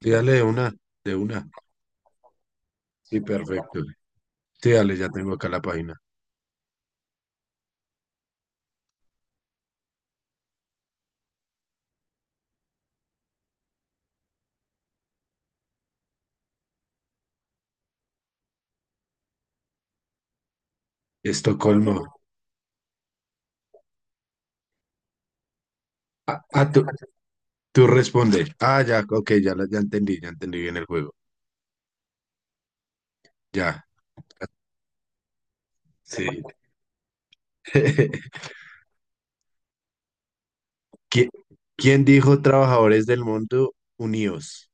Sí, dale de una, de una. Sí, perfecto. Sí, dale, ya tengo acá la página. Estocolmo. Ah, ah, tú, tú respondes. Ah, ya, ok, ya, ya entendí bien el juego. Ya, sí. ¿Qui- ¿Quién dijo trabajadores del mundo unidos?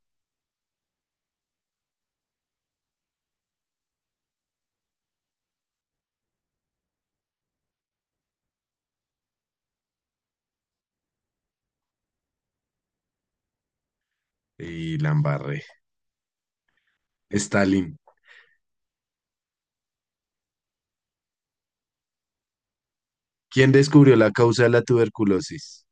Y la embarré. Stalin. ¿Quién descubrió la causa de la tuberculosis?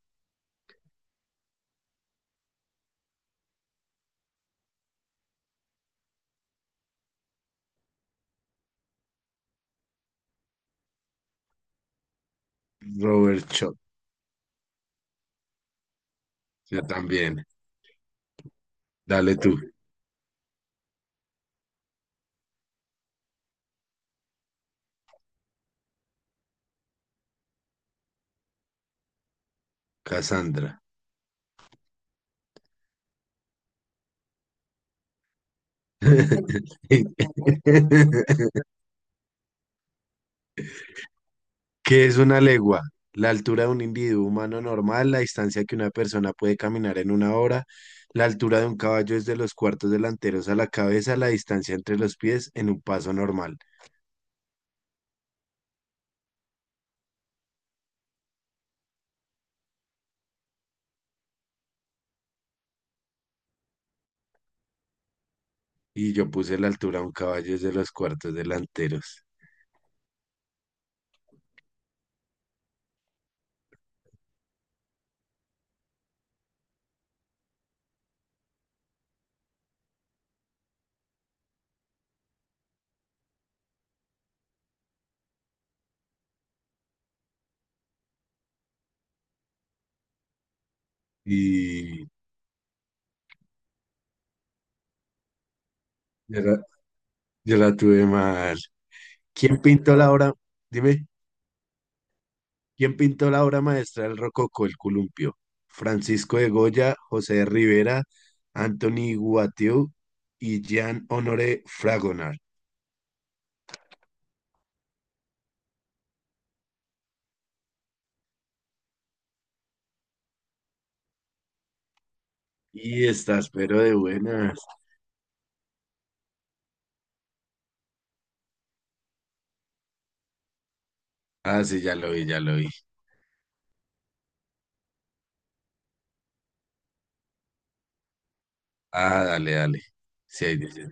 Robert Schoch. Yo también. Dale tú, Cassandra. ¿Qué es una legua? La altura de un individuo humano normal, la distancia que una persona puede caminar en una hora, la altura de un caballo desde los cuartos delanteros a la cabeza, la distancia entre los pies en un paso normal. Y yo puse la altura de un caballo desde los cuartos delanteros. Y yo la, yo la tuve mal. ¿Quién pintó la obra? Dime. ¿Quién pintó la obra maestra del Rococó, el columpio? Francisco de Goya, José de Rivera, Antoni Guattieu y Jean-Honoré Fragonard. Y estás, pero de buenas. Ah, sí, ya lo vi, ya lo vi. Ah, dale, dale. Sí, ahí dice.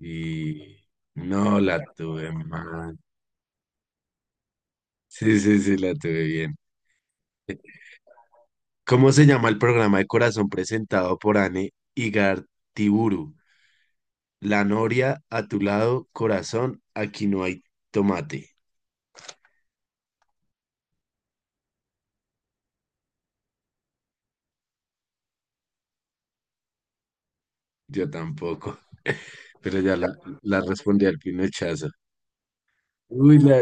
Y no la tuve mal. Sí, sí, sí, la tuve bien. ¿Cómo se llama el programa de corazón presentado por Anne Igartiburu? La noria a tu lado, corazón, aquí no hay tomate. Yo tampoco, pero la respondí al pinochazo. Uy, la...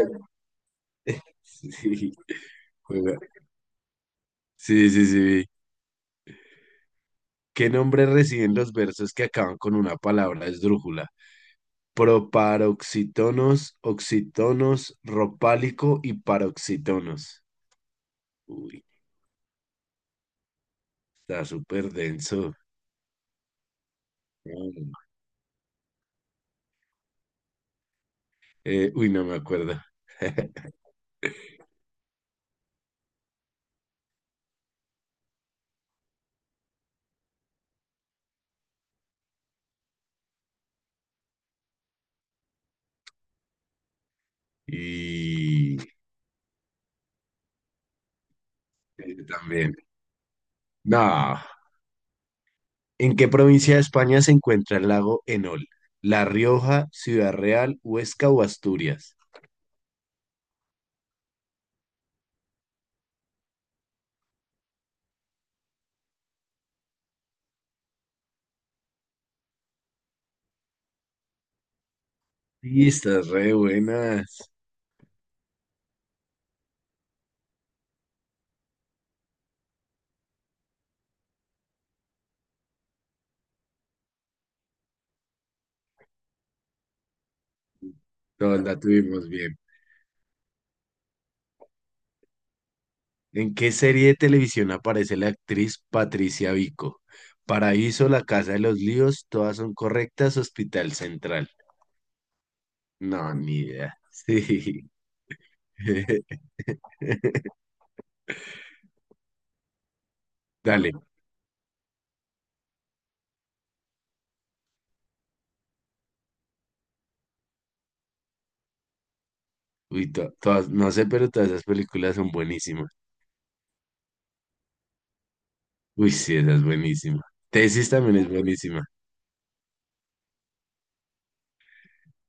Sí, juega. Sí, sí, sí. ¿Qué nombre reciben los versos que acaban con una palabra esdrújula? Proparoxítonos, oxítonos, ropálico y paroxítonos. Uy, está súper denso. Mm. No me acuerdo. Y también. No. ¿En qué provincia de España se encuentra el lago Enol? ¿La Rioja, Ciudad Real, Huesca o Asturias? Sí, estás re buenas. Todas la tuvimos bien. ¿En qué serie de televisión aparece la actriz Patricia Vico? Paraíso, La Casa de los Líos, todas son correctas, Hospital Central. No, ni idea. Sí. Dale. Uy, todas, no sé, pero todas esas películas son buenísimas. Uy, sí, esa es buenísima. Tesis también es buenísima.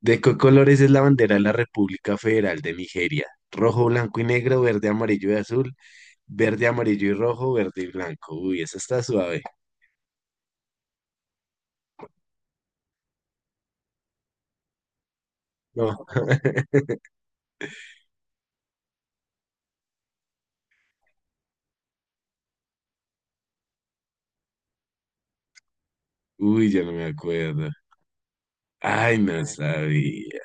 ¿De qué colores es la bandera de la República Federal de Nigeria? Rojo, blanco y negro, verde, amarillo y azul, verde, amarillo y rojo, verde y blanco. Uy, esa está suave. No, uy, yo no me acuerdo. Ay, no sabía.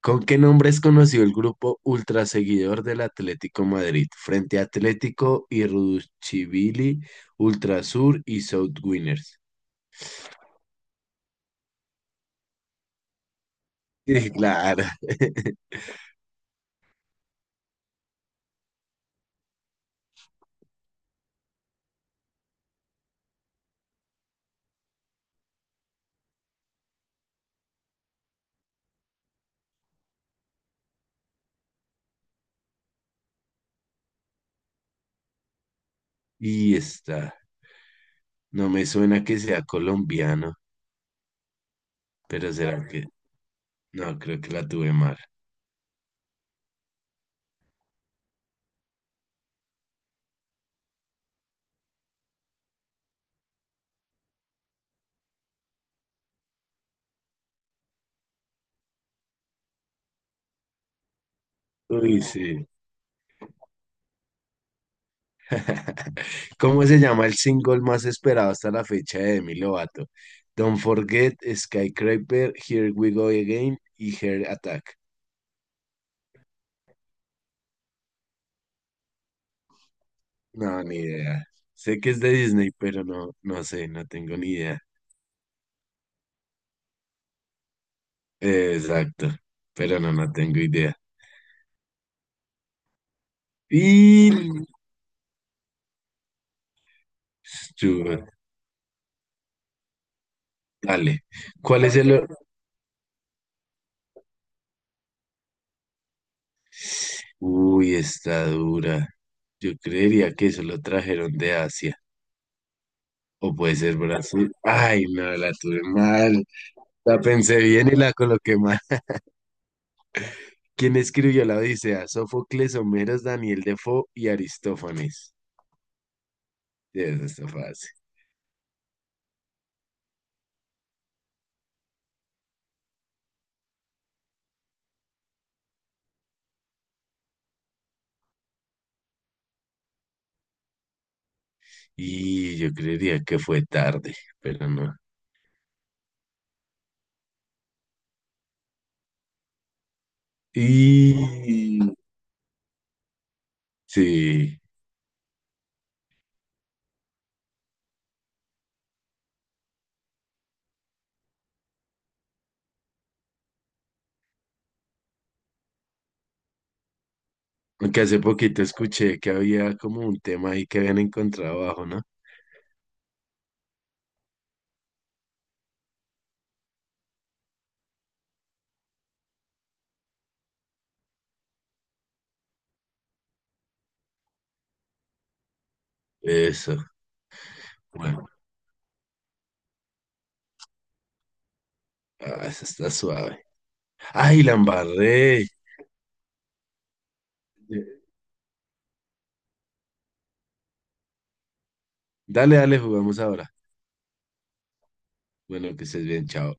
¿Con qué nombre es conocido el grupo ultra seguidor del Atlético Madrid? Frente Atlético y Ruchibili, Ultrasur y South Winners. Sí, claro. Y está. No me suena que sea colombiano, pero será que. No, creo que la tuve mal. Uy, no. Sí. ¿Cómo se llama el single más esperado hasta la fecha de Demi Lovato? Don't Forget, Skyscraper, Here We Go Again y Heart Attack. No, ni idea. Sé que es de Disney, pero no, no sé, no tengo ni idea. Exacto, pero no, no tengo idea. Y... Stuart, dale. ¿Cuál es el...? Uy, está dura. Yo creería que eso lo trajeron de Asia. O puede ser Brasil. Ay, no, la tuve mal. La pensé bien y la coloqué mal. ¿Quién escribió la Odisea? Sófocles, Homero Daniel Defoe y Aristófanes. Sí, eso está fácil. Y yo creería que fue tarde, pero no. Y sí, aunque hace poquito escuché que había como un tema ahí que habían encontrado abajo, ¿no? Eso, bueno, ah, eso está suave. Ay, la embarré. Dale, dale, jugamos ahora. Bueno, que estés bien, chao.